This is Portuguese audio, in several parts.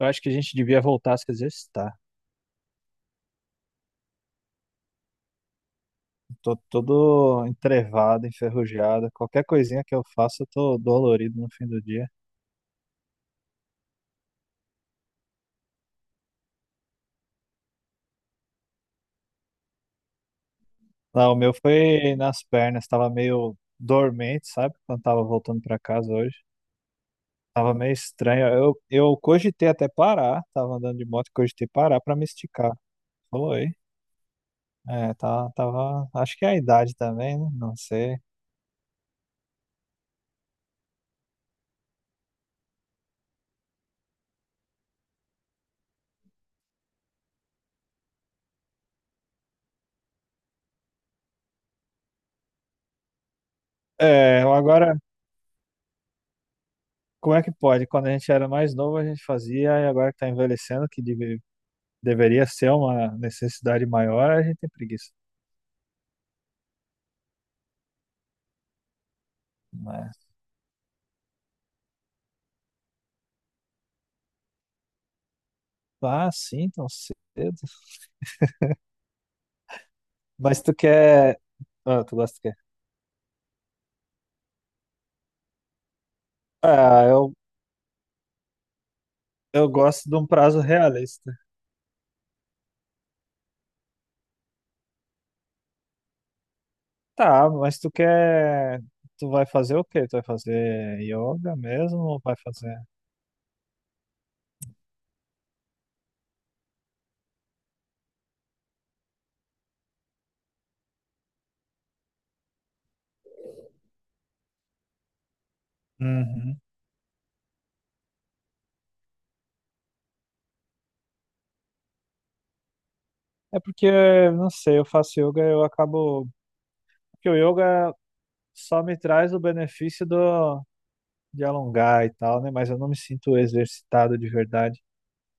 Eu acho que a gente devia voltar a se exercitar. Tô todo entrevado, enferrujado. Qualquer coisinha que eu faço, eu tô dolorido no fim do dia. Lá, o meu foi nas pernas, tava meio dormente, sabe? Quando tava voltando pra casa hoje. Tava meio estranho. Eu cogitei até parar, tava andando de moto, cogitei parar pra me esticar. Foi. É, tava. Acho que é a idade também, né? Não sei. É, agora, como é que pode? Quando a gente era mais novo, a gente fazia, e agora que tá envelhecendo, que deveria ser uma necessidade maior, a gente tem preguiça. Mas, ah, sim, tão cedo. Mas tu quer. Ah, tu gosta do quê? Ah, eu, eu gosto de um prazo realista. Tá, mas tu quer. Tu vai fazer o quê? Tu vai fazer yoga mesmo ou vai fazer. Uhum. É porque, não sei, eu faço yoga e eu acabo. Porque o yoga só me traz o benefício do de alongar e tal, né? Mas eu não me sinto exercitado de verdade.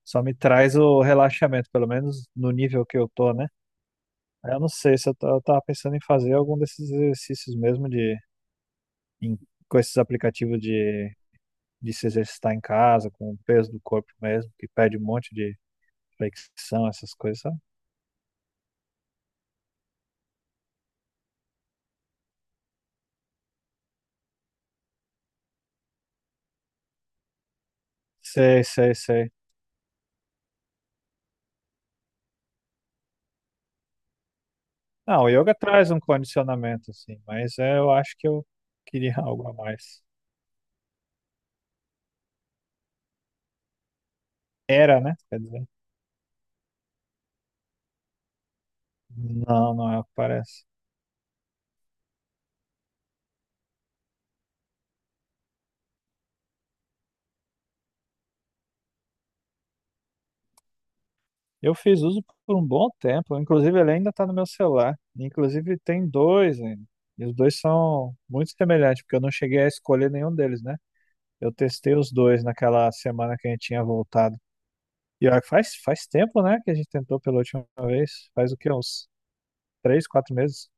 Só me traz o relaxamento, pelo menos no nível que eu tô, né? Aí eu não sei se eu tava pensando em fazer algum desses exercícios mesmo de em- com esses aplicativos de se exercitar em casa, com o peso do corpo mesmo, que pede um monte de flexão, essas coisas, sabe? Sei, sei, sei. Não, o yoga traz um condicionamento, assim, mas é, eu acho que eu queria algo a mais. Era, né? Quer dizer, não, não é o que parece. Eu fiz uso por um bom tempo, inclusive ele ainda está no meu celular. Inclusive tem dois ainda. E os dois são muito semelhantes, porque eu não cheguei a escolher nenhum deles, né? Eu testei os dois naquela semana que a gente tinha voltado. E olha, que faz, faz tempo, né, que a gente tentou pela última vez. Faz o quê? Uns três, quatro meses?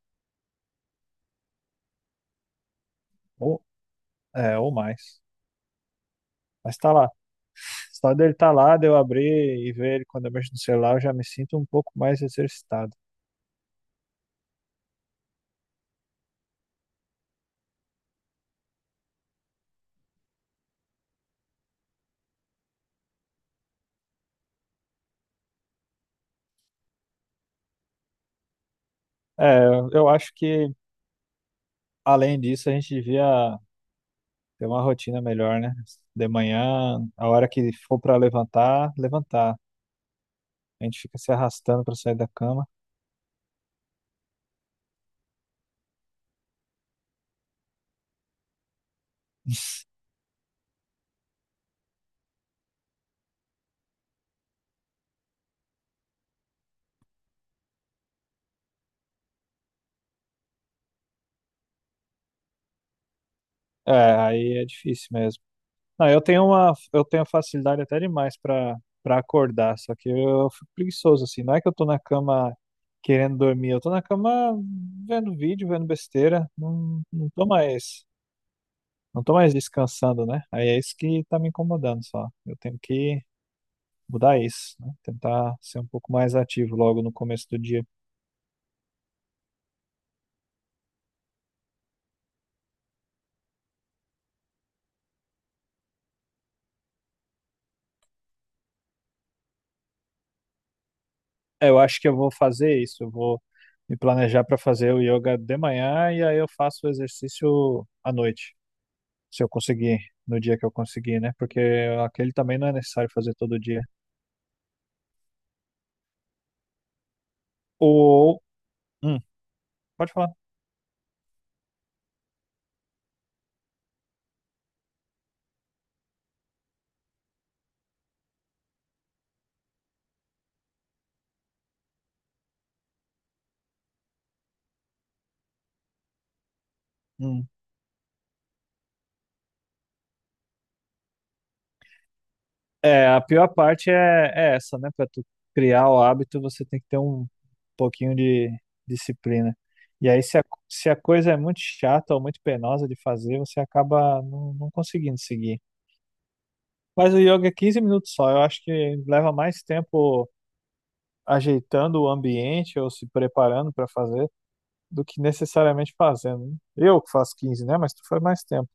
Ou, é, ou mais. Mas tá lá. Só dele tá lá, de eu abrir e ver ele quando eu mexo no celular, eu já me sinto um pouco mais exercitado. É, eu acho que, além disso, a gente devia. Ter uma rotina melhor, né? De manhã, a hora que for pra levantar, levantar. A gente fica se arrastando pra sair da cama. É, aí é difícil mesmo. Não, eu tenho facilidade até demais pra para acordar, só que eu fico preguiçoso assim. Não é que eu tô na cama querendo dormir, eu tô na cama vendo vídeo, vendo besteira, não tô mais descansando, né? Aí é isso que tá me incomodando só. Eu tenho que mudar isso, né? Tentar ser um pouco mais ativo logo no começo do dia. É, eu acho que eu vou fazer isso. Eu vou me planejar para fazer o yoga de manhã e aí eu faço o exercício à noite, se eu conseguir, no dia que eu conseguir, né? Porque aquele também não é necessário fazer todo dia. Ou, hum, pode falar. Hum. É, a pior parte é essa, né? Para tu criar o hábito, você tem que ter um pouquinho de disciplina. E aí, se a coisa é muito chata ou muito penosa de fazer, você acaba não conseguindo seguir. Mas o yoga é 15 minutos só. Eu acho que leva mais tempo ajeitando o ambiente ou se preparando para fazer do que necessariamente fazendo, né? Eu que faço 15, né? Mas tu faz mais tempo.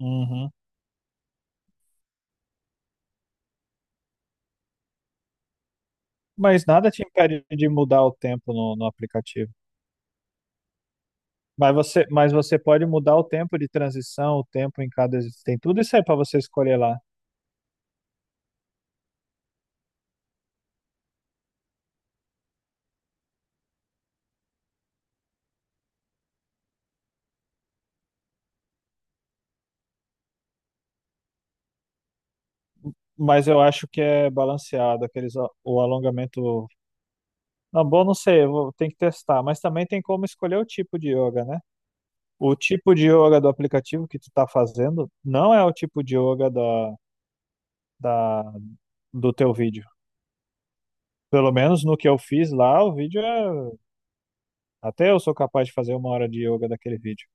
Uhum. Mas nada te impede de mudar o tempo no aplicativo. Mas você pode mudar o tempo de transição, o tempo em cada. Tem tudo isso aí para você escolher lá. Mas eu acho que é balanceado, o alongamento. Não, bom, não sei, eu vou, tem que testar. Mas também tem como escolher o tipo de yoga, né? O tipo de yoga do aplicativo que tu tá fazendo não é o tipo de yoga da, do teu vídeo. Pelo menos no que eu fiz lá, o vídeo é. Até eu sou capaz de fazer uma hora de yoga daquele vídeo.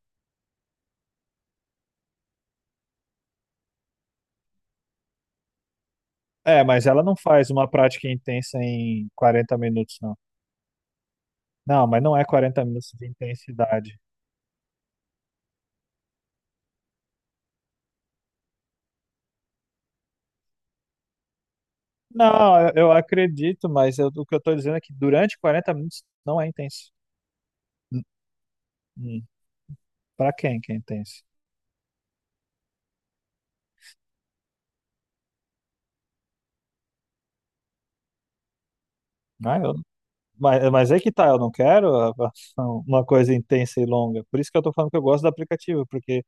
É, mas ela não faz uma prática intensa em 40 minutos, não. Não, mas não é 40 minutos de intensidade. Não, eu acredito, o que eu tô dizendo é que durante 40 minutos não é intenso. Hum, hum. Pra quem que é intenso? Ah, eu mas, é que tá, eu não quero uma coisa intensa e longa. Por isso que eu tô falando que eu gosto do aplicativo, porque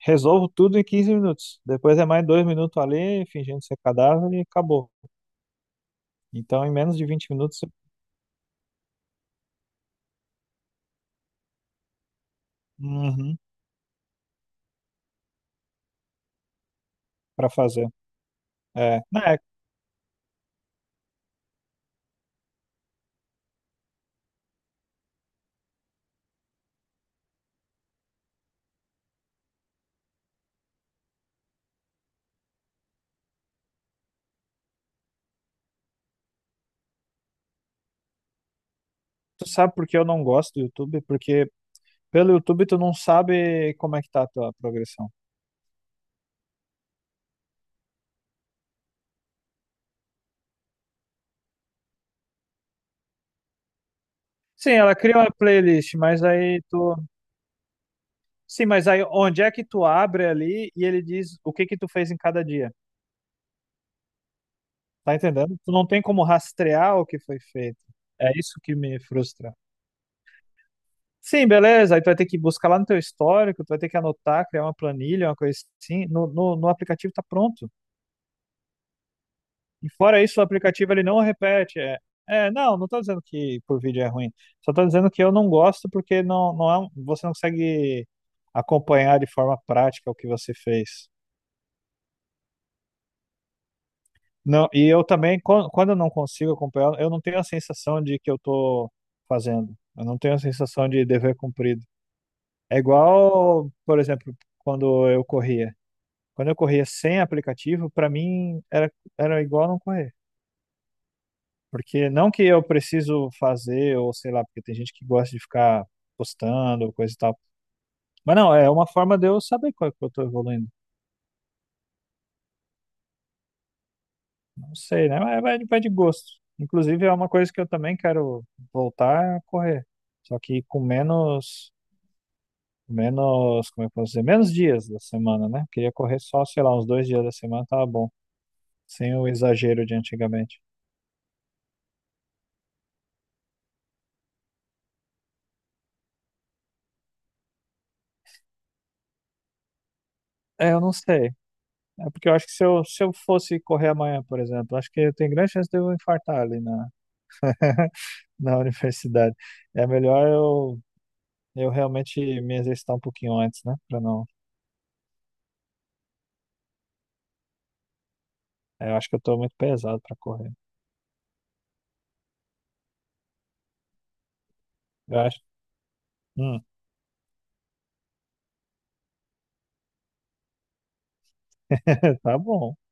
resolvo tudo em 15 minutos. Depois é mais dois minutos ali, fingindo ser cadáver e acabou. Então, em menos de 20 minutos, uhum, para fazer. É. Não, é, tu sabe por que eu não gosto do YouTube? Porque pelo YouTube tu não sabe como é que tá a tua progressão. Sim, ela cria uma playlist, mas aí tu. Sim, mas aí onde é que tu abre ali e ele diz o que que tu fez em cada dia? Tá entendendo? Tu não tem como rastrear o que foi feito. É isso que me frustra. Sim, beleza. Aí tu vai ter que buscar lá no teu histórico, tu vai ter que anotar, criar uma planilha, uma coisa assim. No aplicativo tá pronto. E fora isso, o aplicativo ele não repete. É, é, não, não tô dizendo que por vídeo é ruim. Só tô dizendo que eu não gosto porque você não consegue acompanhar de forma prática o que você fez. Não, e eu também, quando eu não consigo acompanhar, eu não tenho a sensação de que eu tô fazendo. Eu não tenho a sensação de dever cumprido. É igual, por exemplo, quando eu corria. Quando eu corria sem aplicativo, para mim era igual não correr. Porque não que eu preciso fazer, ou sei lá, porque tem gente que gosta de ficar postando, coisa e tal. Mas não, é uma forma de eu saber qual é que eu tô evoluindo. Não sei, né? Mas vai de gosto. Inclusive, é uma coisa que eu também quero voltar a correr. Só que com menos, como é que eu posso dizer? Menos dias da semana, né? Queria correr só, sei lá, uns dois dias da semana, tava bom. Sem o exagero de antigamente. É, eu não sei. É porque eu acho que se eu fosse correr amanhã, por exemplo, acho que eu tenho grande chance de eu infartar ali na, na universidade. É melhor eu, eu realmente me exercitar um pouquinho antes, né? Pra não. É, eu acho que eu tô muito pesado pra correr. Eu acho. Hum. Tá bom.